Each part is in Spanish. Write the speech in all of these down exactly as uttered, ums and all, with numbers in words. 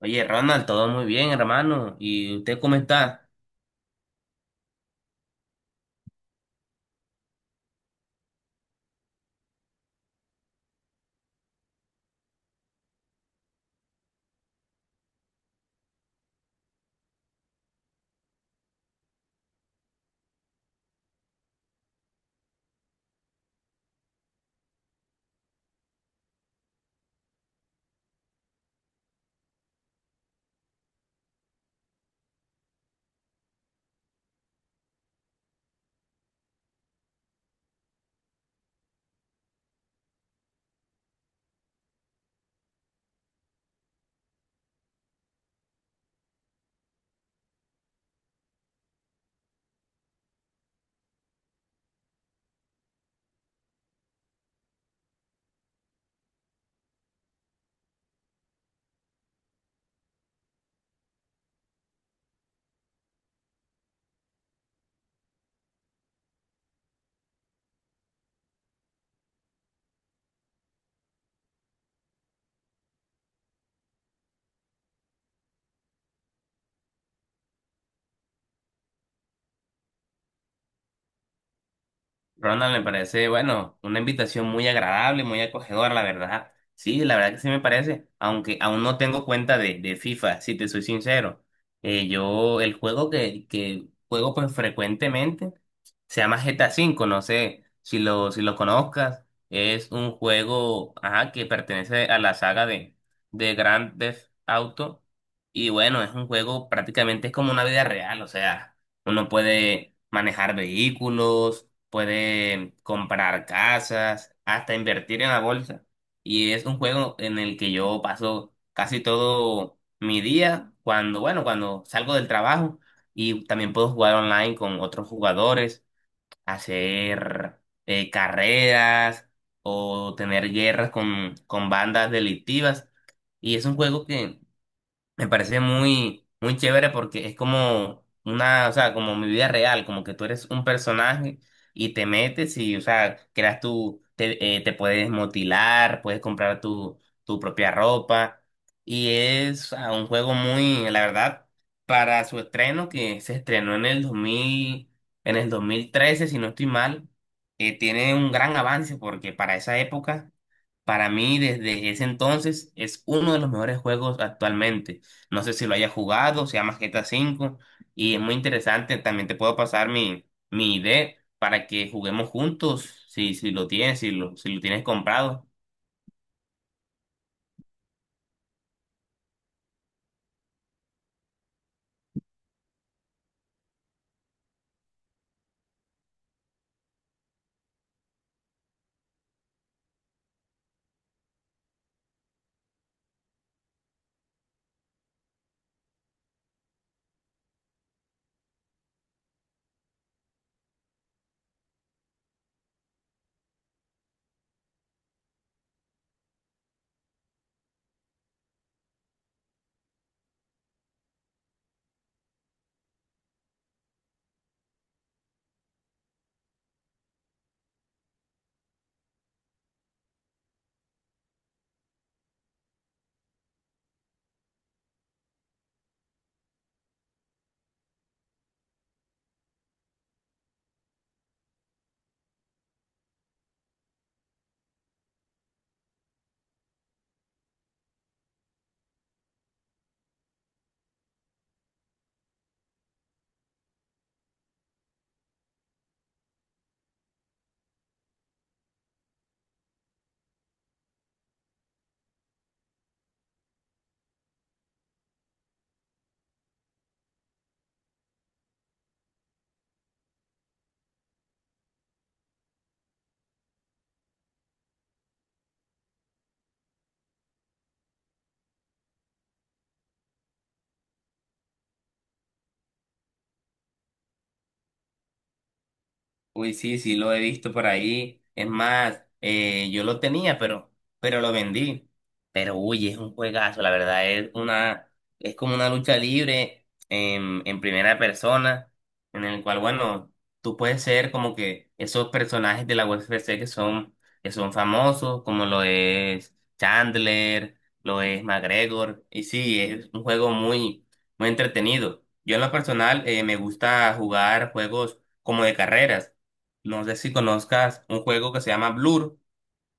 Oye, Ronald, todo muy bien, hermano. ¿Y usted cómo está? Ronald, me parece, bueno, una invitación muy agradable, muy acogedora, la verdad. Sí, la verdad que sí me parece, aunque aún no tengo cuenta de, de FIFA, si te soy sincero. Eh, yo, el juego que, que juego pues frecuentemente se llama G T A cinco, no sé si lo, si lo conozcas. Es un juego, ajá, que pertenece a la saga de, de Grand Theft Auto. Y bueno, es un juego prácticamente es como una vida real, o sea, uno puede manejar vehículos, puede comprar casas, hasta invertir en la bolsa. Y es un juego en el que yo paso casi todo mi día cuando, bueno, cuando salgo del trabajo y también puedo jugar online con otros jugadores, hacer eh, carreras o tener guerras con, con bandas delictivas. Y es un juego que me parece muy, muy chévere porque es como una, o sea, como mi vida real, como que tú eres un personaje y te metes y, o sea, creas tu, te, eh, te puedes motilar, puedes comprar tu, tu propia ropa y es, o sea, un juego muy, la verdad, para su estreno que se estrenó en el dos mil, en el dos mil trece, si no estoy mal, eh, tiene un gran avance porque para esa época, para mí, desde ese entonces, es uno de los mejores juegos actualmente. No sé si lo hayas jugado, se llama G T A V y es muy interesante. También te puedo pasar mi, mi I D para que juguemos juntos, si, si lo tienes, si lo, si lo tienes comprado. Uy, sí, sí, lo he visto por ahí. Es más, eh, yo lo tenía, pero, pero lo vendí. Pero uy, es un juegazo, la verdad, es una, es como una lucha libre en, en primera persona, en el cual, bueno, tú puedes ser como que esos personajes de la U F C que son, que son famosos, como lo es Chandler, lo es McGregor, y sí, es un juego muy, muy entretenido. Yo en lo personal, eh, me gusta jugar juegos como de carreras. No sé si conozcas un juego que se llama Blur.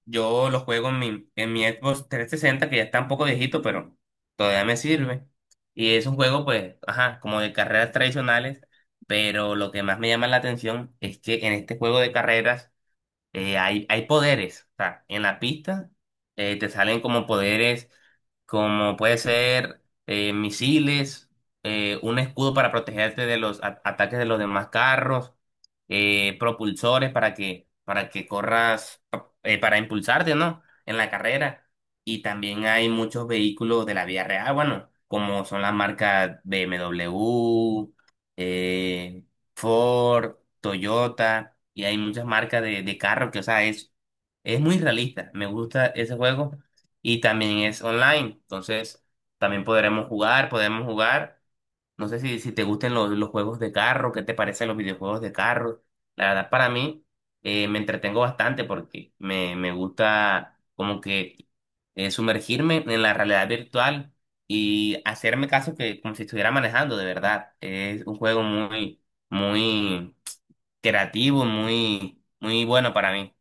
Yo lo juego en mi, en mi Xbox trescientos sesenta que ya está un poco viejito, pero todavía me sirve. Y es un juego, pues, ajá, como de carreras tradicionales, pero lo que más me llama la atención es que en este juego de carreras eh, hay, hay poderes. O sea, en la pista eh, te salen como poderes, como puede ser eh, misiles, eh, un escudo para protegerte de los a- ataques de los demás carros, eh, propulsores para que, para que corras, pa- eh, para impulsarte, ¿no? En la carrera. Y también hay muchos vehículos de la vía real, bueno, como son las marcas B M W, Ford, Toyota, y hay muchas marcas de, de carro que, o sea, es, es muy realista. Me gusta ese juego y también es online. Entonces, también podremos jugar, podemos jugar. No sé si, si te gustan los, los juegos de carro, qué te parecen los videojuegos de carro. La verdad, para mí, eh, me entretengo bastante porque me, me gusta como que eh, sumergirme en la realidad virtual y hacerme caso que como si estuviera manejando, de verdad. Es un juego muy, muy creativo, muy, muy bueno para mí.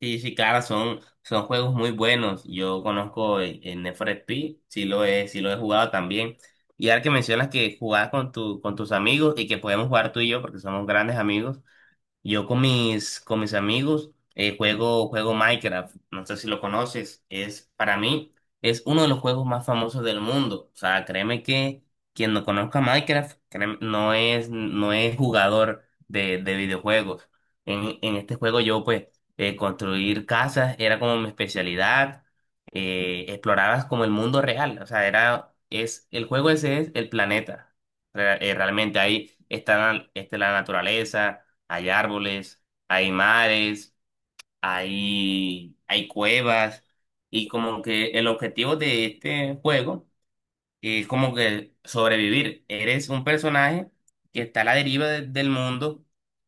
Sí, sí, claro, son, son juegos muy buenos. Yo conozco el, el Need for Speed, sí lo he, sí lo he jugado también. Y ahora que mencionas que jugabas con tu, con tus amigos y que podemos jugar tú y yo porque somos grandes amigos, yo con mis, con mis amigos eh, juego, juego Minecraft, no sé si lo conoces, es para mí es uno de los juegos más famosos del mundo. O sea, créeme que quien no conozca Minecraft créeme, no es, no es jugador de, de videojuegos. En, en este juego yo pues eh, construir casas era como mi especialidad, eh, explorabas como el mundo real, o sea, era, es, el juego ese es el planeta. Re- eh, realmente ahí está, la- está la naturaleza, hay árboles, hay mares, hay, hay cuevas. Y como que el objetivo de este juego y es como que sobrevivir. Eres un personaje que está a la deriva de- del mundo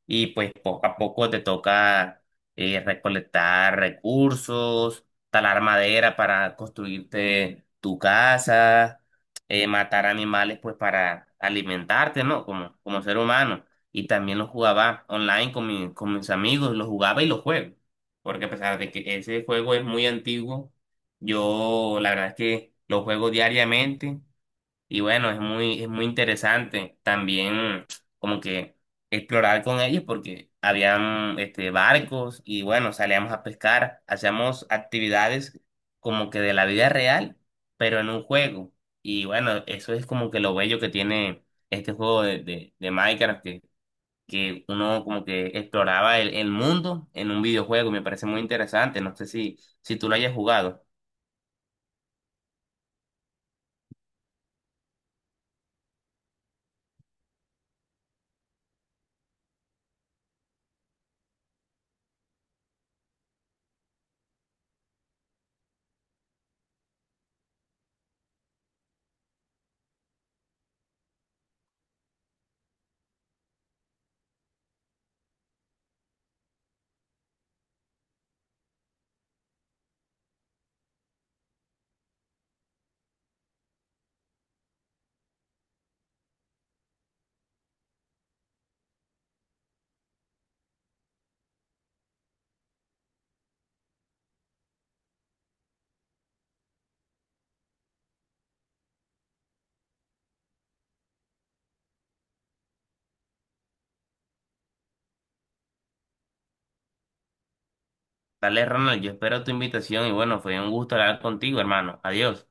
y pues poco a poco te toca eh, recolectar recursos, talar madera para construirte tu casa, eh, matar animales pues para alimentarte, ¿no? Como, como ser humano. Y también lo jugaba online con, mi- con mis amigos, lo jugaba y lo juego. Porque a pesar de que ese juego es muy antiguo, yo la verdad es que lo juego diariamente y bueno, es muy, es muy interesante también como que explorar con ellos porque habían este, barcos y bueno, salíamos a pescar, hacíamos actividades como que de la vida real, pero en un juego. Y bueno, eso es como que lo bello que tiene este juego de, de, de Minecraft, que, que uno como que exploraba el, el mundo en un videojuego y me parece muy interesante. No sé si, si tú lo hayas jugado. Dale, Ronald, yo espero tu invitación y bueno, fue un gusto hablar contigo, hermano. Adiós.